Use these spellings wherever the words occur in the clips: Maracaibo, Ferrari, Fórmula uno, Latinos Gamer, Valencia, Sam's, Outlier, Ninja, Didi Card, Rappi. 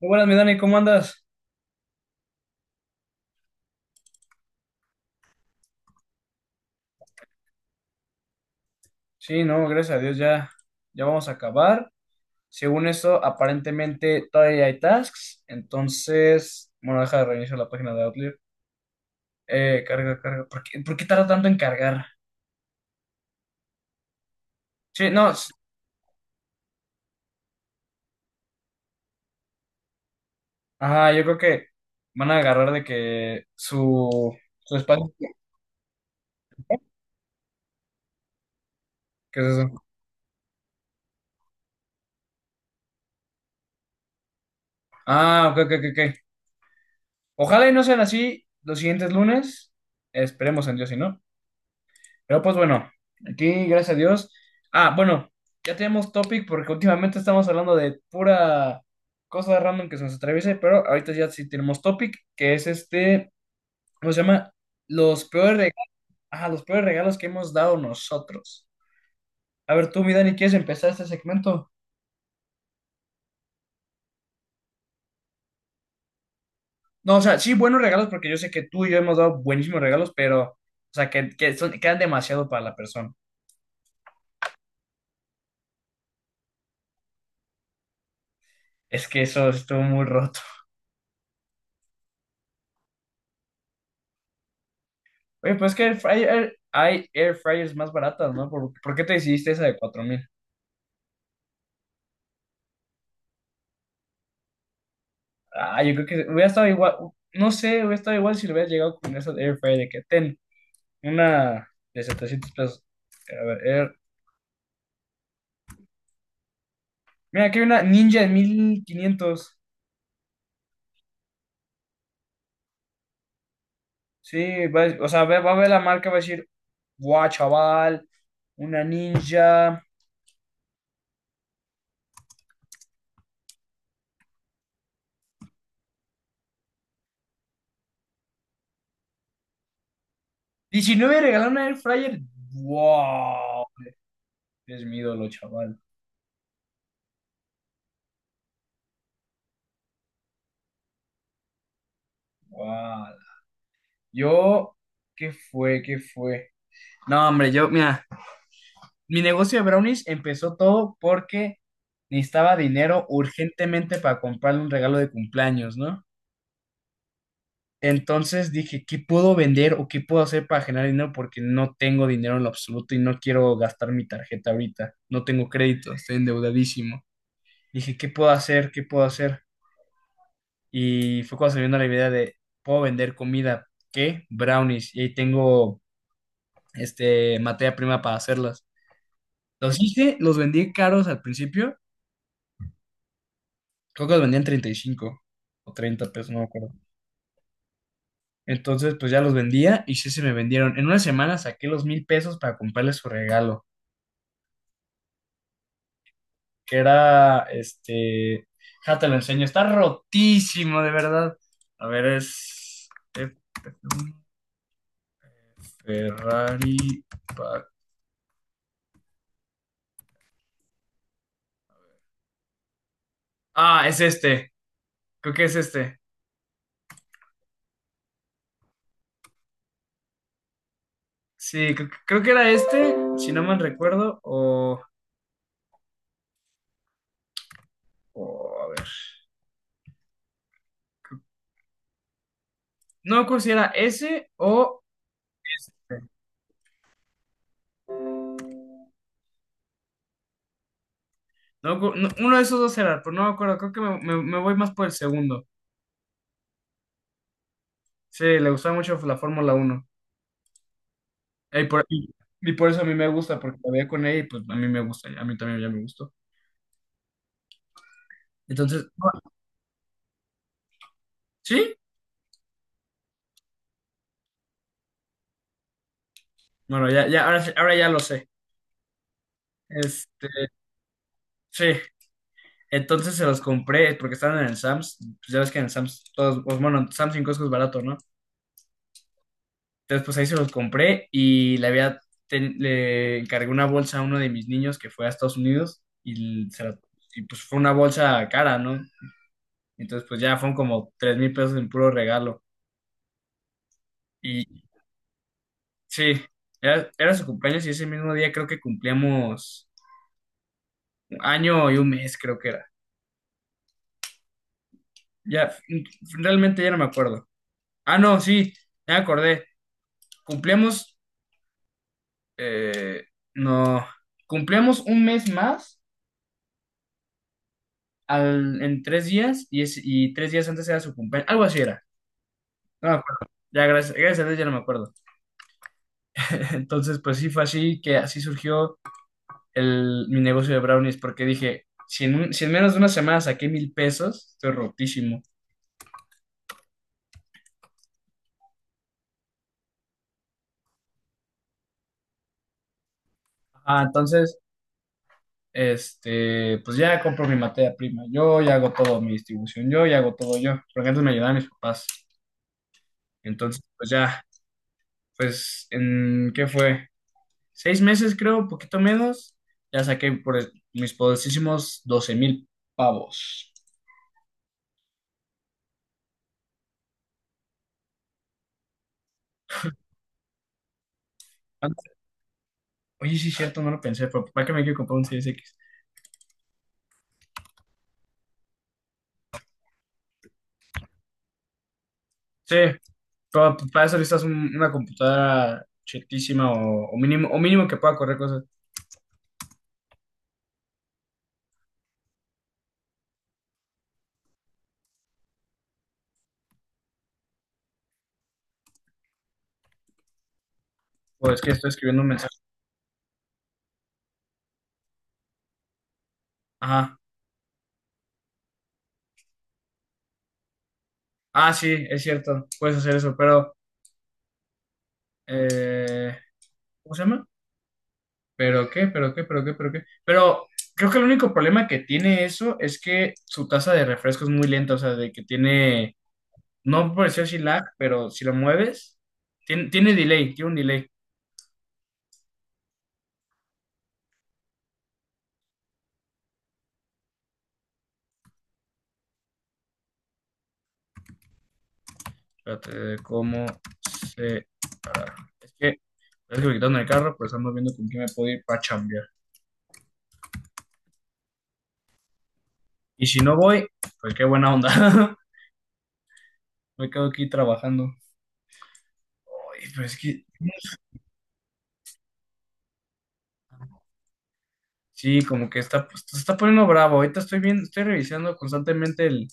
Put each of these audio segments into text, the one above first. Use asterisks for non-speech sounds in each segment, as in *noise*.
Muy buenas, mi Dani, ¿cómo andas? Sí, no, gracias a Dios ya, ya vamos a acabar. Según eso, aparentemente todavía hay tasks, entonces, bueno, deja de reiniciar la página de Outlier. Carga, carga. ¿Por qué tarda tanto en cargar? Sí, no, ajá, yo creo que van a agarrar de que su espacio. ¿Qué es eso? Ah, ok, ok, ok. Ok. Ojalá y no sean así los siguientes lunes. Esperemos en Dios, si no. Pero pues bueno, aquí gracias a Dios. Ah, bueno, ya tenemos topic porque últimamente estamos hablando de pura cosa random que se nos atraviese, pero ahorita ya sí tenemos topic, que es ¿cómo se llama? Los peores regalos, ah, los peores regalos que hemos dado nosotros. A ver, tú, mi Dani, ¿quieres empezar este segmento? No, o sea, sí, buenos regalos, porque yo sé que tú y yo hemos dado buenísimos regalos, pero, o sea, que son, quedan demasiado para la persona. Es que eso estuvo muy roto. Oye, pues es que hay air fryers más baratas, ¿no? ¿Por qué te decidiste esa de 4000? Ah, yo creo que hubiera estado igual, no sé, hubiera estado igual si le hubieras llegado con esa air fryer de que ten una de $700. A ver, mira, aquí hay una Ninja de 1500. Sí, o sea, va a ver la marca, va a decir, guau, chaval, una Ninja. 19 regalar una air fryer. Wow, es mi ídolo, chaval. Wow. Yo, ¿Qué fue? No, hombre, yo, mira, mi negocio de brownies empezó todo porque necesitaba dinero urgentemente para comprarle un regalo de cumpleaños, ¿no? Entonces dije, ¿qué puedo vender o qué puedo hacer para generar dinero? Porque no tengo dinero en lo absoluto y no quiero gastar mi tarjeta ahorita. No tengo crédito, estoy endeudadísimo. Dije, ¿Qué puedo hacer? Y fue cuando se me vino la idea de, puedo vender comida, ¿qué? Brownies. Y ahí tengo, materia prima para hacerlas. Los hice, los vendí caros al principio. Creo que los vendían 35 o $30, no me acuerdo. Entonces, pues ya los vendía y sí se me vendieron. En una semana saqué los $1000 para comprarle su regalo, que era, ya te lo enseño, está rotísimo, de verdad. A ver, es un Ferrari. pa- Ah, es este, creo que es este. Sí, creo que era este, si no mal recuerdo, o a ver. No me acuerdo si era ese no, no, uno de esos dos era, pero no me acuerdo, creo que me voy más por el segundo. Sí, le gustaba mucho la Fórmula 1. Y por, y- y por eso a mí me gusta, porque la veía con ella y pues a mí me gusta, a mí también ya me gustó. Entonces, ah, ¿sí? Bueno, ya, ya, ahora ya lo sé. Este, sí, entonces se los compré porque estaban en el Sam's. Pues ya ves que en el Sam's, todos, pues bueno, Sam's 5 es barato, ¿no? Entonces, pues ahí se los compré y le había, le encargué una bolsa a uno de mis niños que fue a Estados Unidos y pues fue una bolsa cara, ¿no? Entonces, pues ya fueron como $3000 en puro regalo. Y sí, era su cumpleaños y ese mismo día creo que cumplíamos 1 año y 1 mes, creo que era. Ya, realmente ya no me acuerdo. Ah, no, sí, ya me acordé. Cumplíamos, eh, no, cumplíamos un mes más. En 3 días y 3 días antes era su cumpleaños, algo así era, no me acuerdo. Ya, gracias a Dios ya no me acuerdo. *laughs* Entonces, pues sí fue así que así surgió mi negocio de brownies, porque dije, si en menos de una semana saqué $1000, estoy rotísimo. Ah, entonces, pues ya compro mi materia prima, yo ya hago todo, mi distribución, yo ya hago todo yo, porque antes me ayudaban mis papás. Entonces, pues ya, pues, ¿en qué fue? 6 meses, creo, poquito menos, ya saqué mis poderosísimos 12000 pavos. Ah, oye, sí, es cierto, no lo pensé, pero ¿para qué me quiero comprar un 6X? Sí, pero para eso necesitas una computadora chetísima o mínimo que pueda correr cosas. Pues es que estoy escribiendo un mensaje. Ajá. Ah, sí, es cierto, puedes hacer eso, pero, eh, ¿cómo se llama? ¿Pero qué? ¿Pero qué? ¿Pero qué? ¿Pero qué? Pero creo que el único problema que tiene eso es que su tasa de refresco es muy lenta, o sea, de que tiene. No me pareció así lag, pero si lo mueves, tiene delay, tiene un delay. Espérate, ¿cómo se...? ¿Para? Es que, es que me quitaron el carro, pues estamos viendo con quién me puedo ir para chambear. Y si no voy, pues qué buena onda. *laughs* Me quedo aquí trabajando. Oye, pues es que, sí, como que está, pues, se está poniendo bravo. Ahorita estoy bien, estoy revisando constantemente el,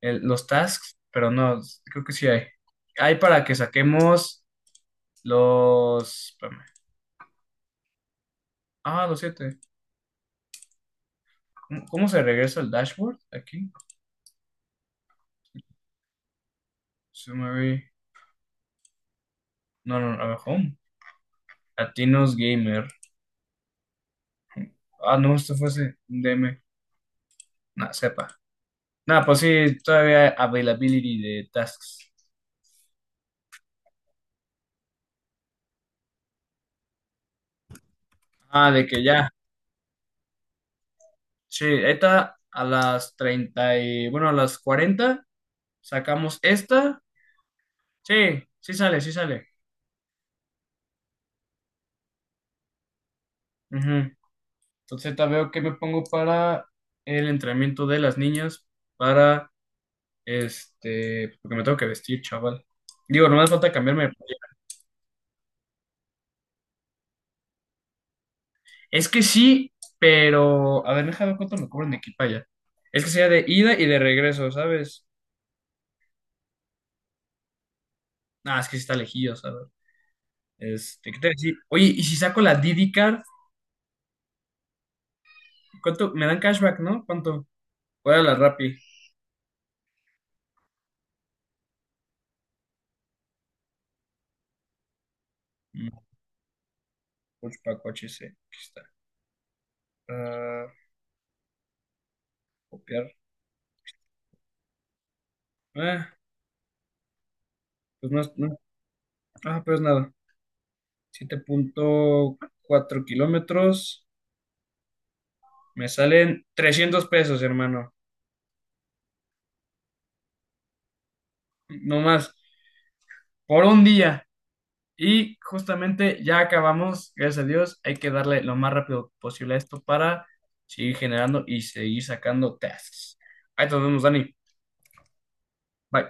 el- los tasks, pero no, creo que sí hay. Hay para que saquemos espérame. Ah, los 7. ¿Cómo se regresa al dashboard? Aquí. Se mueve. No, no, a ver, home. Latinos Gamer. Ah, no, esto fue ese DM. Nah, sepa. Nah, pues sí, todavía availability de tasks. Ah, de que ya. Sí, esta a las 30 bueno, a las 40 sacamos esta. Sí, sí sale, sí sale. Ujú. Entonces, ahorita veo que me pongo para el entrenamiento de las niñas para. Porque me tengo que vestir, chaval. Digo, no me falta cambiarme de playera. Es que sí, pero. A ver, déjame ver cuánto me cobran de aquí para allá. Es que sea de ida y de regreso, ¿sabes? Ah, es que sí está lejillo, ¿sabes? ¿Qué te decía? Oye, ¿y si saco la Didi Card? ¿Cuánto? Me dan cashback, ¿no? ¿Cuánto? ¿Cuál era la Rappi? Mm, Coach pa' coche, sí. Aquí está. Ah, copiar. Ah, pues no, no. Ah, pues nada. 7.4 kilómetros. Me salen $300, hermano. Nomás por un día. Y justamente ya acabamos, gracias a Dios, hay que darle lo más rápido posible a esto para seguir generando y seguir sacando tasks. Ahí nos vemos, Dani. Bye.